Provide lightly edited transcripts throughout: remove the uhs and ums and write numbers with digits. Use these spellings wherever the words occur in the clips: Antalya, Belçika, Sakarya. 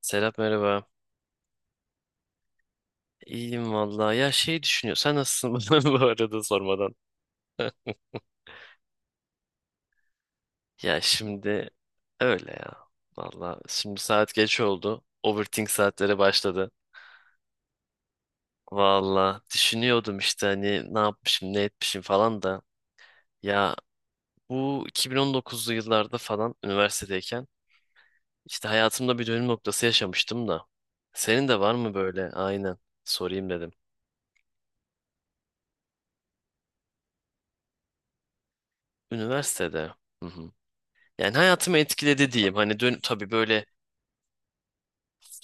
Serap merhaba. İyiyim vallahi. Ya şey düşünüyor. Sen nasılsın bana bu arada sormadan? Ya şimdi öyle ya. Vallahi şimdi saat geç oldu. Overthink saatleri başladı. Vallahi düşünüyordum işte hani ne yapmışım ne etmişim falan da. Ya bu 2019'lu yıllarda falan üniversitedeyken işte hayatımda bir dönüm noktası yaşamıştım da. Senin de var mı böyle? Aynen. Sorayım dedim. Üniversitede. Hı hı. Yani hayatımı etkiledi diyeyim. Hani dön tabii böyle.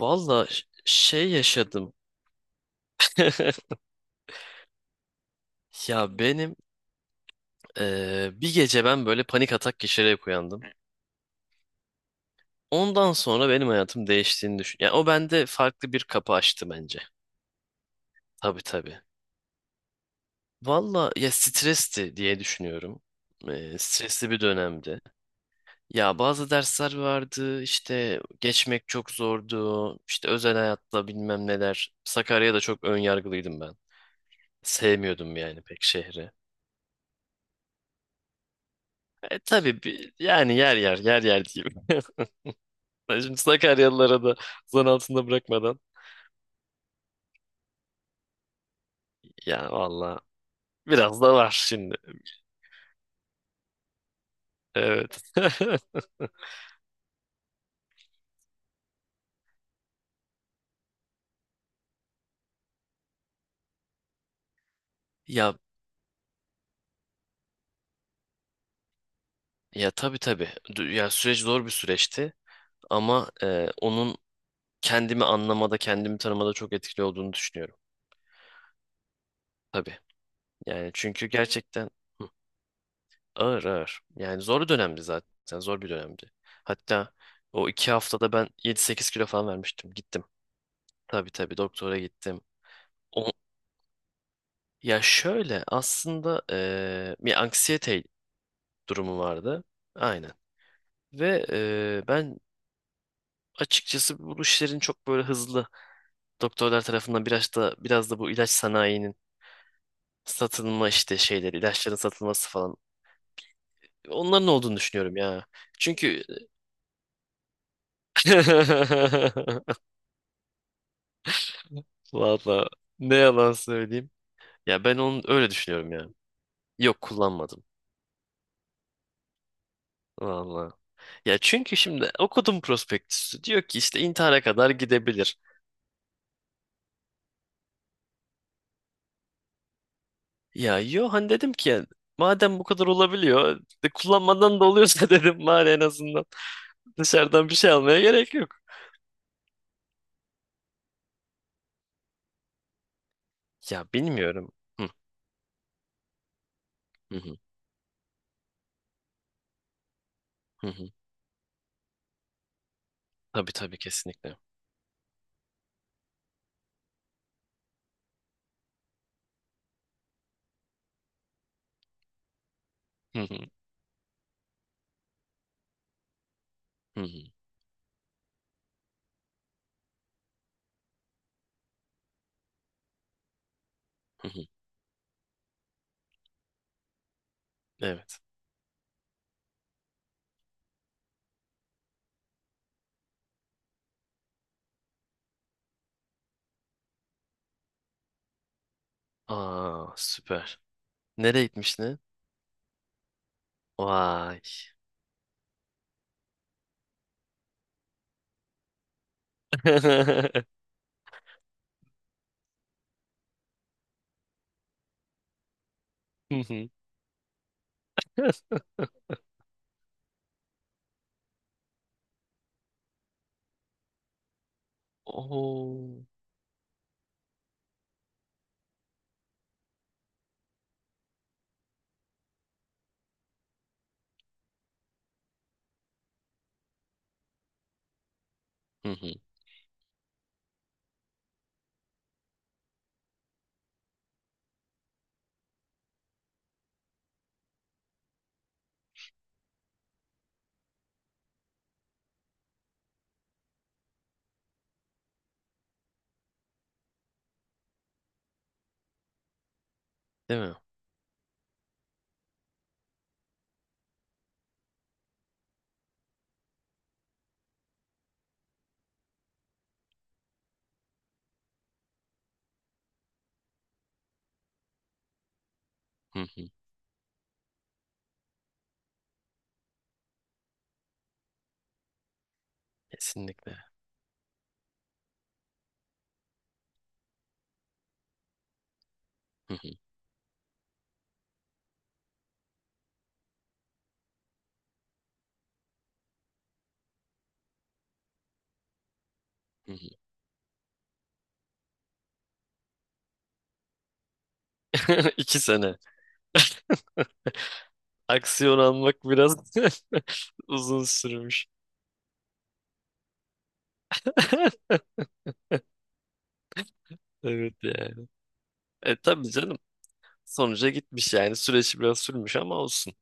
Valla şey yaşadım. Ya benim bir gece ben böyle panik atak geçirerek uyandım. Ondan sonra benim hayatım değiştiğini düşün. Yani o bende farklı bir kapı açtı bence. Tabii tabii. Valla ya stresti diye düşünüyorum. Stresli bir dönemdi. Ya bazı dersler vardı, işte geçmek çok zordu. İşte özel hayatla bilmem neler. Sakarya'da çok ön yargılıydım ben. Sevmiyordum yani pek şehri. E, tabii yani yer yer yer yer diyeyim. Ben şimdi Sakaryalılara da zan altında bırakmadan. Ya valla biraz da var şimdi. Evet. Ya ya tabii tabii. Ya süreç zor bir süreçti, ama onun kendimi anlamada, kendimi tanımada çok etkili olduğunu düşünüyorum. Tabii. Yani çünkü gerçekten Hı, ağır ağır. Yani zor bir dönemdi zaten. Zor bir dönemdi. Hatta o 2 haftada ben 7-8 kilo falan vermiştim. Gittim. Tabii tabii doktora gittim. Ya şöyle aslında bir anksiyete durumu vardı. Aynen. Ve ben açıkçası bu işlerin çok böyle hızlı doktorlar tarafından biraz da bu ilaç sanayinin satılma işte şeyleri, ilaçların satılması falan onların olduğunu düşünüyorum ya. Çünkü valla ne yalan söyleyeyim. Ya ben onu öyle düşünüyorum ya. Yok kullanmadım. Valla. Ya çünkü şimdi okudum prospektüsü. Diyor ki işte intihara kadar gidebilir. Ya yo hani dedim ki yani, madem bu kadar olabiliyor de kullanmadan da oluyorsa dedim bari en azından dışarıdan bir şey almaya gerek yok. Ya bilmiyorum. Hı hı, hı hı, hı. Tabii tabii kesinlikle. Hı hı, hı hı, hı, hı. Evet. Aa, süper. Nereye gitmiş ne? Vay. Hı hı. Oo. Hı hı. Değil mi? Hı hı. Kesinlikle. Hı hı, hı hı. İki sene. Aksiyon almak biraz uzun sürmüş. Evet yani. E tabii canım. Sonuca gitmiş yani. Süreç biraz sürmüş ama olsun.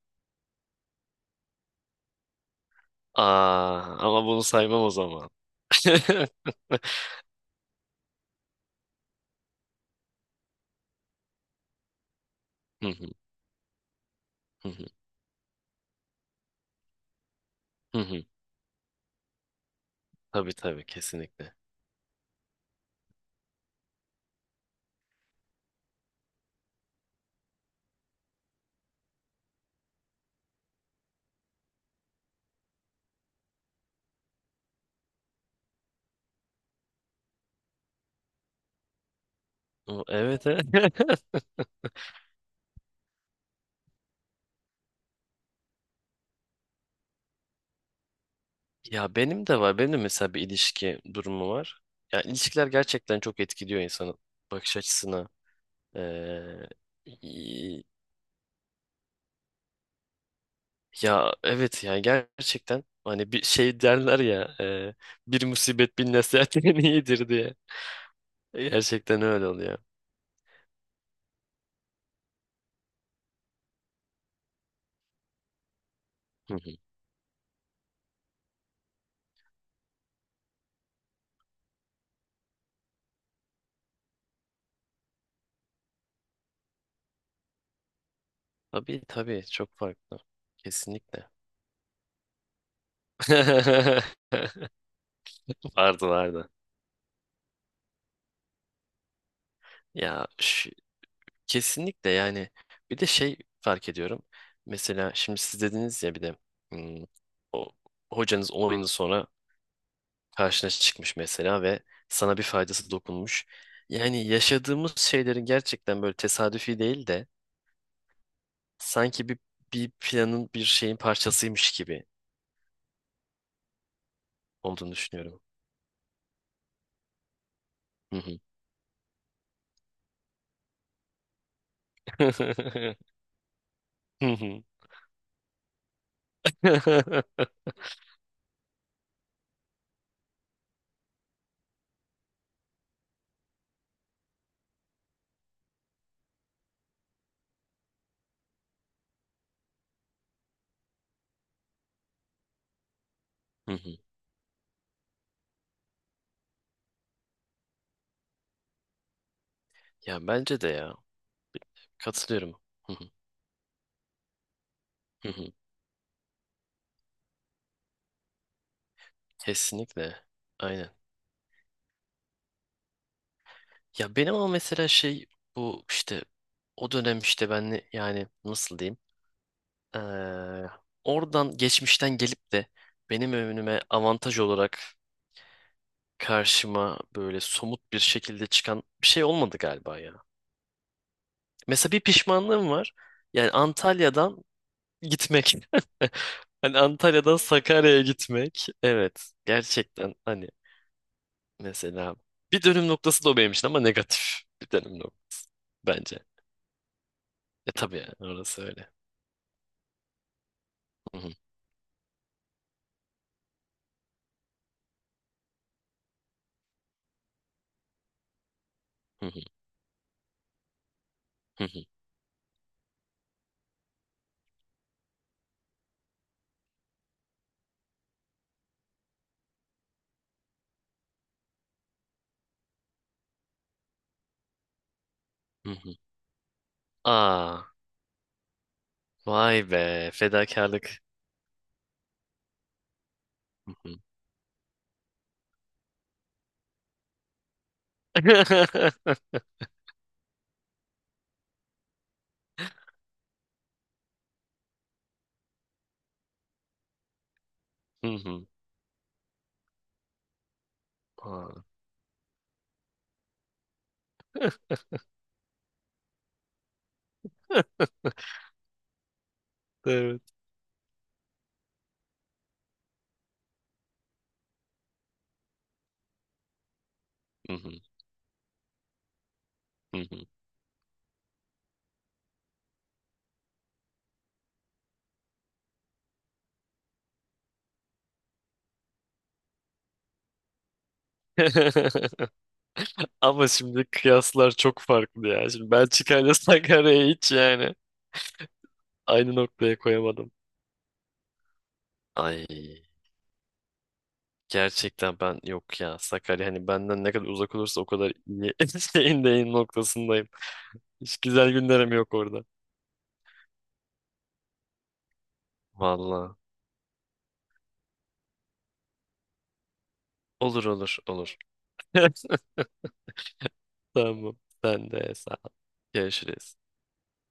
Aa, ama bunu saymam o zaman. Hı hı, hı hı, hı hı. Tabii tabii kesinlikle. O, evet evet. Ya benim de var. Benim de mesela bir ilişki durumu var. Ya ilişkiler gerçekten çok etkiliyor insanın bakış açısına. Ee, y- Ya evet ya, gerçekten hani bir şey derler ya, bir musibet bin nasihat iyidir diye. Gerçekten öyle oluyor. Hı hı. Tabii tabii çok farklı. Kesinlikle. Vardı vardı. Ya kesinlikle yani bir de şey fark ediyorum. Mesela şimdi siz dediniz ya bir de, hmm, o hocanız 10 yıl sonra karşına çıkmış mesela, ve sana bir faydası dokunmuş. Yani yaşadığımız şeylerin gerçekten böyle tesadüfi değil de sanki bir planın bir şeyin parçasıymış gibi olduğunu düşünüyorum. Hı hı. Hı hı. Ya bence de ya. Katılıyorum. Hı hı, hı hı. Kesinlikle. Aynen. Ya benim ama mesela şey, bu işte o dönem işte ben yani nasıl diyeyim? Eee, Oradan geçmişten gelip de benim önüme avantaj olarak karşıma böyle somut bir şekilde çıkan bir şey olmadı galiba ya. Mesela bir pişmanlığım var. Yani Antalya'dan gitmek. Hani Antalya'dan Sakarya'ya gitmek. Evet. Gerçekten hani mesela bir dönüm noktası da o benim için, ama negatif bir dönüm noktası bence. E tabii yani orası öyle. Hı hı, hı hı, hı hı, hı hı. Aa, vay be, fedakarlık. Hı hı. Hı hı. Aa. Evet. Hı hı, hı hı. Ama şimdi kıyaslar çok farklı ya. Şimdi Belçika ile Sakarya'yı hiç yani aynı noktaya koyamadım. Ay. Gerçekten ben yok ya, Sakarya hani benden ne kadar uzak olursa o kadar iyi şeyin deyin noktasındayım. Hiç güzel günlerim yok orada. Valla. Olur olur olur. Tamam. Sen de sağ ol. Görüşürüz.